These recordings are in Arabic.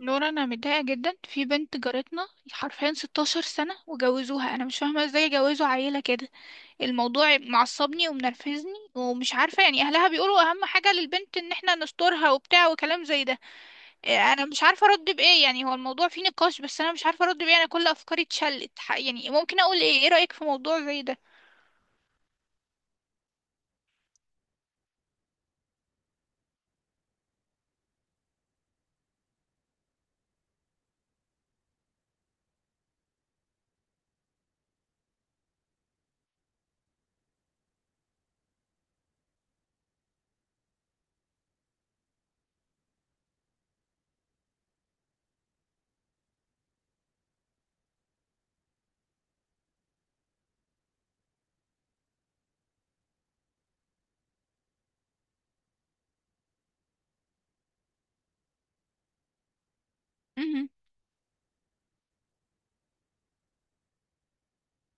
نورا، انا متضايقه جدا في بنت جارتنا. حرفيا 16 سنه وجوزوها. انا مش فاهمه ازاي جوزوا عيله كده. الموضوع معصبني ومنرفزني ومش عارفه. يعني اهلها بيقولوا اهم حاجه للبنت ان احنا نسترها وبتاع وكلام زي ده. انا مش عارفه ارد بايه. يعني هو الموضوع فيه نقاش، بس انا مش عارفه ارد بايه. انا كل افكاري اتشلت. يعني ممكن اقول ايه؟ ايه رايك في موضوع زي ده؟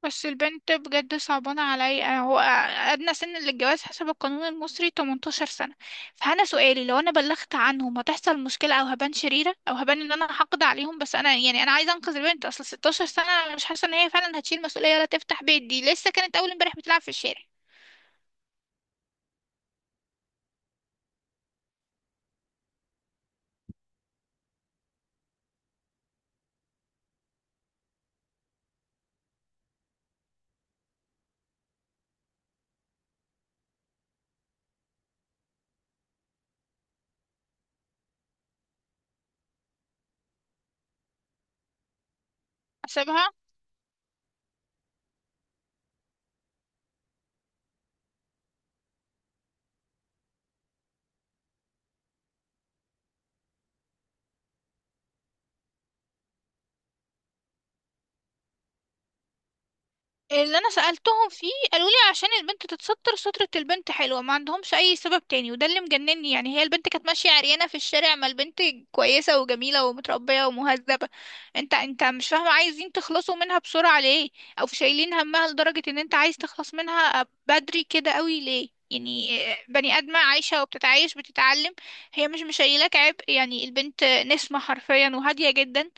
بس البنت بجد صعبانة عليا. هو أدنى سن للجواز حسب القانون المصري 18 سنة. فأنا سؤالي، لو أنا بلغت عنهم هتحصل مشكلة، أو هبان شريرة، أو هبان إن أنا حقد عليهم؟ بس أنا يعني أنا عايزة أنقذ البنت. أصل 16 سنة، أنا مش حاسة إن هي فعلا هتشيل مسؤولية ولا تفتح بيت. دي لسه كانت أول امبارح بتلعب في الشارع. أسيبها؟ اللي انا سألتهم فيه، قالوا لي عشان البنت تتستر. سترة البنت حلوة، ما عندهمش اي سبب تاني، وده اللي مجنني. يعني هي البنت كانت ماشية عريانة في الشارع؟ ما البنت كويسة وجميلة ومتربية ومهذبة. انت مش فاهمة، عايزين تخلصوا منها بسرعة ليه؟ او شايلين همها لدرجة ان انت عايز تخلص منها بدري كده قوي ليه؟ يعني بني آدمة عايشة وبتتعايش بتتعلم. هي مش مشايلاك عبء. يعني البنت نسمة حرفيا وهادية جدا.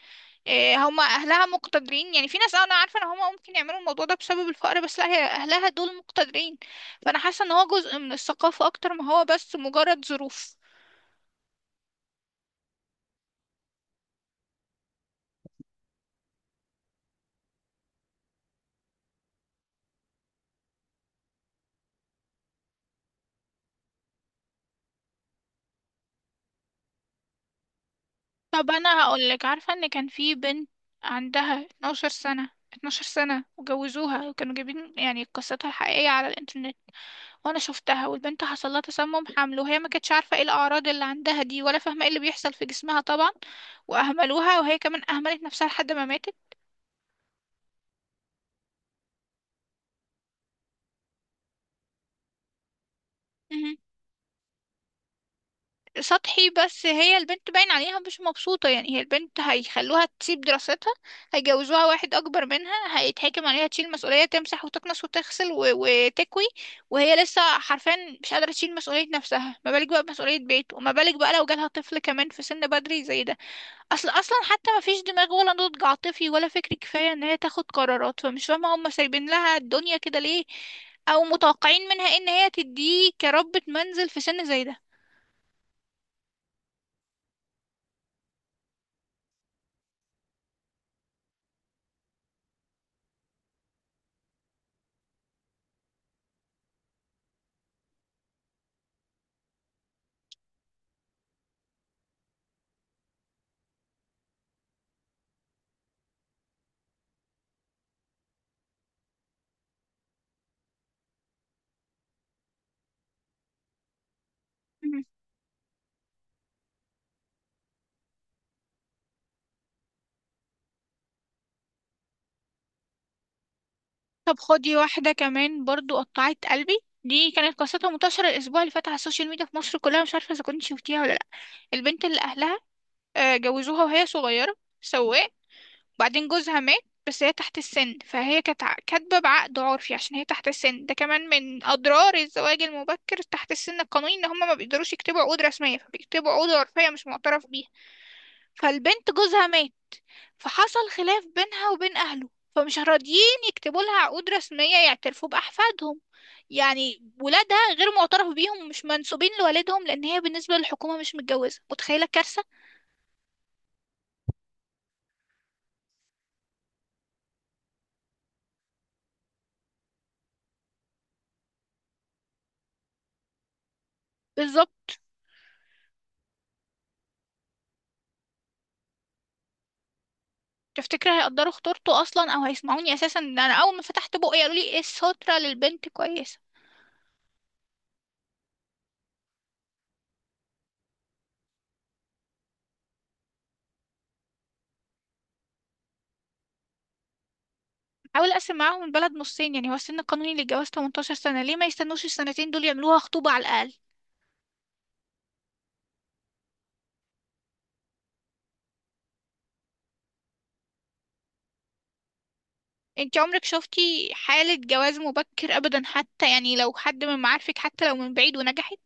هما اهلها مقتدرين. يعني في ناس، انا عارفه ان هما ممكن يعملوا الموضوع ده بسبب الفقر، بس لا، هي اهلها دول مقتدرين. فانا حاسه ان هو جزء من الثقافه اكتر ما هو بس مجرد ظروف. طب انا هقول لك، عارفه ان كان في بنت عندها 12 سنه، 12 سنه وجوزوها، وكانوا جايبين يعني قصتها الحقيقيه على الانترنت. وانا شفتها، والبنت حصل لها تسمم حمل، وهي ما كانتش عارفه ايه الاعراض اللي عندها دي، ولا فاهمه ايه اللي بيحصل في جسمها طبعا. واهملوها، وهي كمان اهملت نفسها لحد ما ماتت. سطحي، بس هي البنت باين عليها مش مبسوطة. يعني هي البنت هيخلوها تسيب دراستها، هيجوزوها واحد أكبر منها، هيتحكم عليها، تشيل مسؤولية، تمسح وتكنس وتغسل وتكوي. وهي لسه حرفيا مش قادرة تشيل مسؤولية نفسها، ما بالك بقى بمسؤولية بيت، وما بالك بقى لو جالها طفل كمان في سن بدري زي ده. أصلا حتى ما فيش دماغ ولا نضج عاطفي ولا فكري كفاية إن هي تاخد قرارات. فمش فاهمة هما سايبين لها الدنيا كده ليه، أو متوقعين منها إن هي تديه كربة منزل في سن زي ده. طب خدي واحدة كمان، برضو قطعت قلبي. دي كانت قصتها منتشرة الأسبوع اللي فات على السوشيال ميديا في مصر كلها، مش عارفة إذا كنت شفتيها ولا لأ. البنت اللي أهلها جوزوها وهي صغيرة سواق، بعدين جوزها مات. بس هي تحت السن، فهي كانت كاتبة بعقد عرفي عشان هي تحت السن. ده كمان من أضرار الزواج المبكر تحت السن القانوني، إن هما ما بيقدروا يكتبوا عقود رسمية، فبيكتبوا عقود عرفية مش معترف بيها. فالبنت جوزها مات، فحصل خلاف بينها وبين أهله، فمش راضيين يكتبوا لها عقود رسمية يعترفوا بأحفادهم. يعني ولادها غير معترف بيهم، ومش منسوبين لوالدهم، لأن هي بالنسبة للحكومة مش متجوزة. متخيلة الكارثة؟ بالظبط. تفتكر هيقدروا خطورته أصلا، أو هيسمعوني أساسا؟ إن أنا أول ما فتحت بقي قالوا لي إيه؟ السترة للبنت كويسة. حاول أقسم معاهم البلد نصين. يعني هو السن القانوني للجواز 18 سنة، ليه ما يستنوش السنتين دول، يعملوها خطوبة على الأقل؟ انت عمرك شفتي حالة جواز مبكر أبدا، حتى يعني لو حد من معارفك، حتى لو من بعيد، ونجحت؟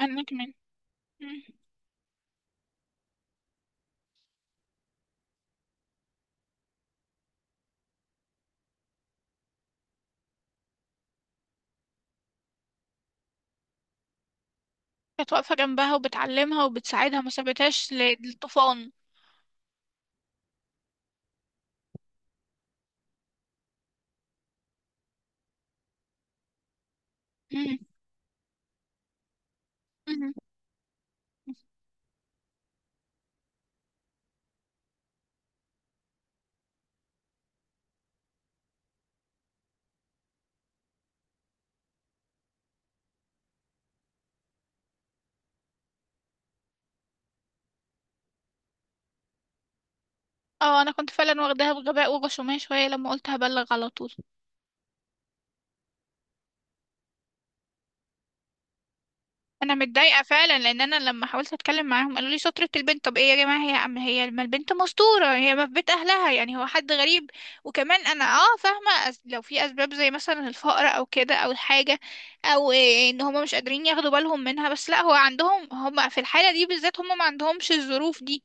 أنا كمان. مم. كانت واقفة جنبها وبتعلمها وبتساعدها، ما سابتهاش للطوفان. مم. مم. اه، انا كنت فعلا واخداها بغباء وغشومية شوية لما قلت هبلغ على طول. انا متضايقة فعلا، لان انا لما حاولت اتكلم معاهم قالوا لي سترة البنت. طب ايه يا جماعة؟ هي ام؟ هي ما البنت مستورة، هي ما في بيت اهلها، يعني هو حد غريب؟ وكمان انا فاهمة. لو في اسباب زي مثلا الفقر او كده، او الحاجة، او إيه، ان هما مش قادرين ياخدوا بالهم منها. بس لا، هو عندهم، هما في الحالة دي بالذات هما ما عندهمش الظروف دي.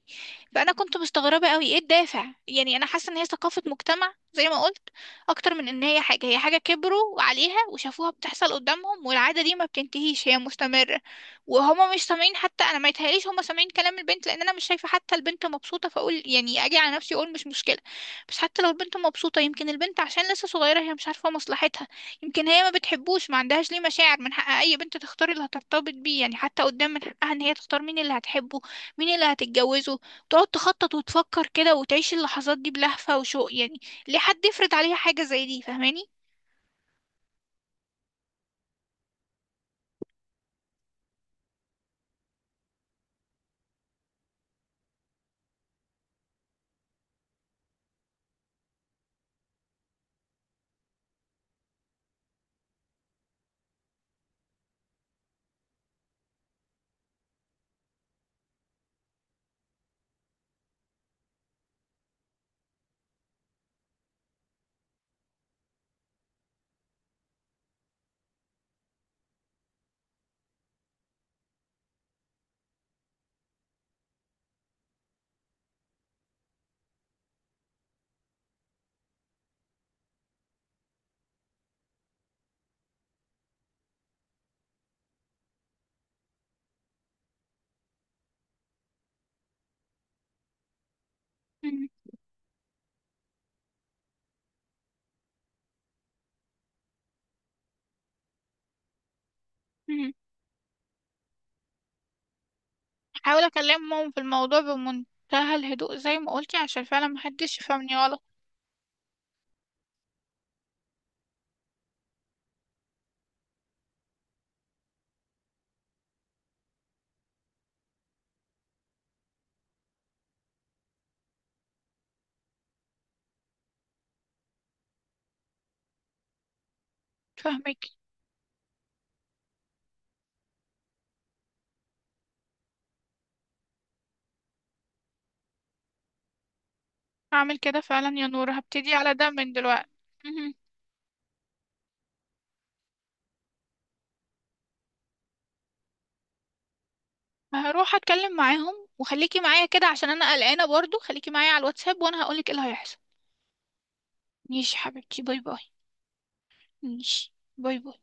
فانا كنت مستغربه قوي ايه الدافع. يعني انا حاسه ان هي ثقافه مجتمع، زي ما قلت، اكتر من ان هي حاجه. هي حاجه كبروا عليها وشافوها بتحصل قدامهم، والعاده دي ما بتنتهيش، هي مستمره. وهما مش سامعين حتى. انا ما يتهيأليش هما سامعين كلام البنت، لان انا مش شايفه حتى البنت مبسوطه. فاقول يعني اجي على نفسي اقول مش مشكله، بس حتى لو البنت مبسوطه، يمكن البنت عشان لسه صغيره هي مش عارفه مصلحتها. يمكن هي ما بتحبوش، ما عندهاش ليه مشاعر. من حق اي بنت تختار اللي هترتبط بيه، يعني حتى قدام من حقها ان هي تختار مين اللي هتحبه، مين اللي هتتجوزه، تقعد تخطط وتفكر كده وتعيش اللحظات دي بلهفة وشوق، يعني. ليه حد يفرض عليها حاجة زي دي، فاهماني؟ مم. مم. حاول اكلمهم في الموضوع بمنتهى الهدوء زي ما قلتي، عشان فعلا محدش يفهمني غلط. فاهمك. هعمل كده فعلا يا نور، هبتدي على ده من دلوقتي. مم. هروح اتكلم معاهم، وخليكي معايا كده عشان انا قلقانة. برضو خليكي معايا على الواتساب، وانا هقولك ايه اللي هيحصل. ماشي حبيبتي، باي باي. ماشي. باي باي.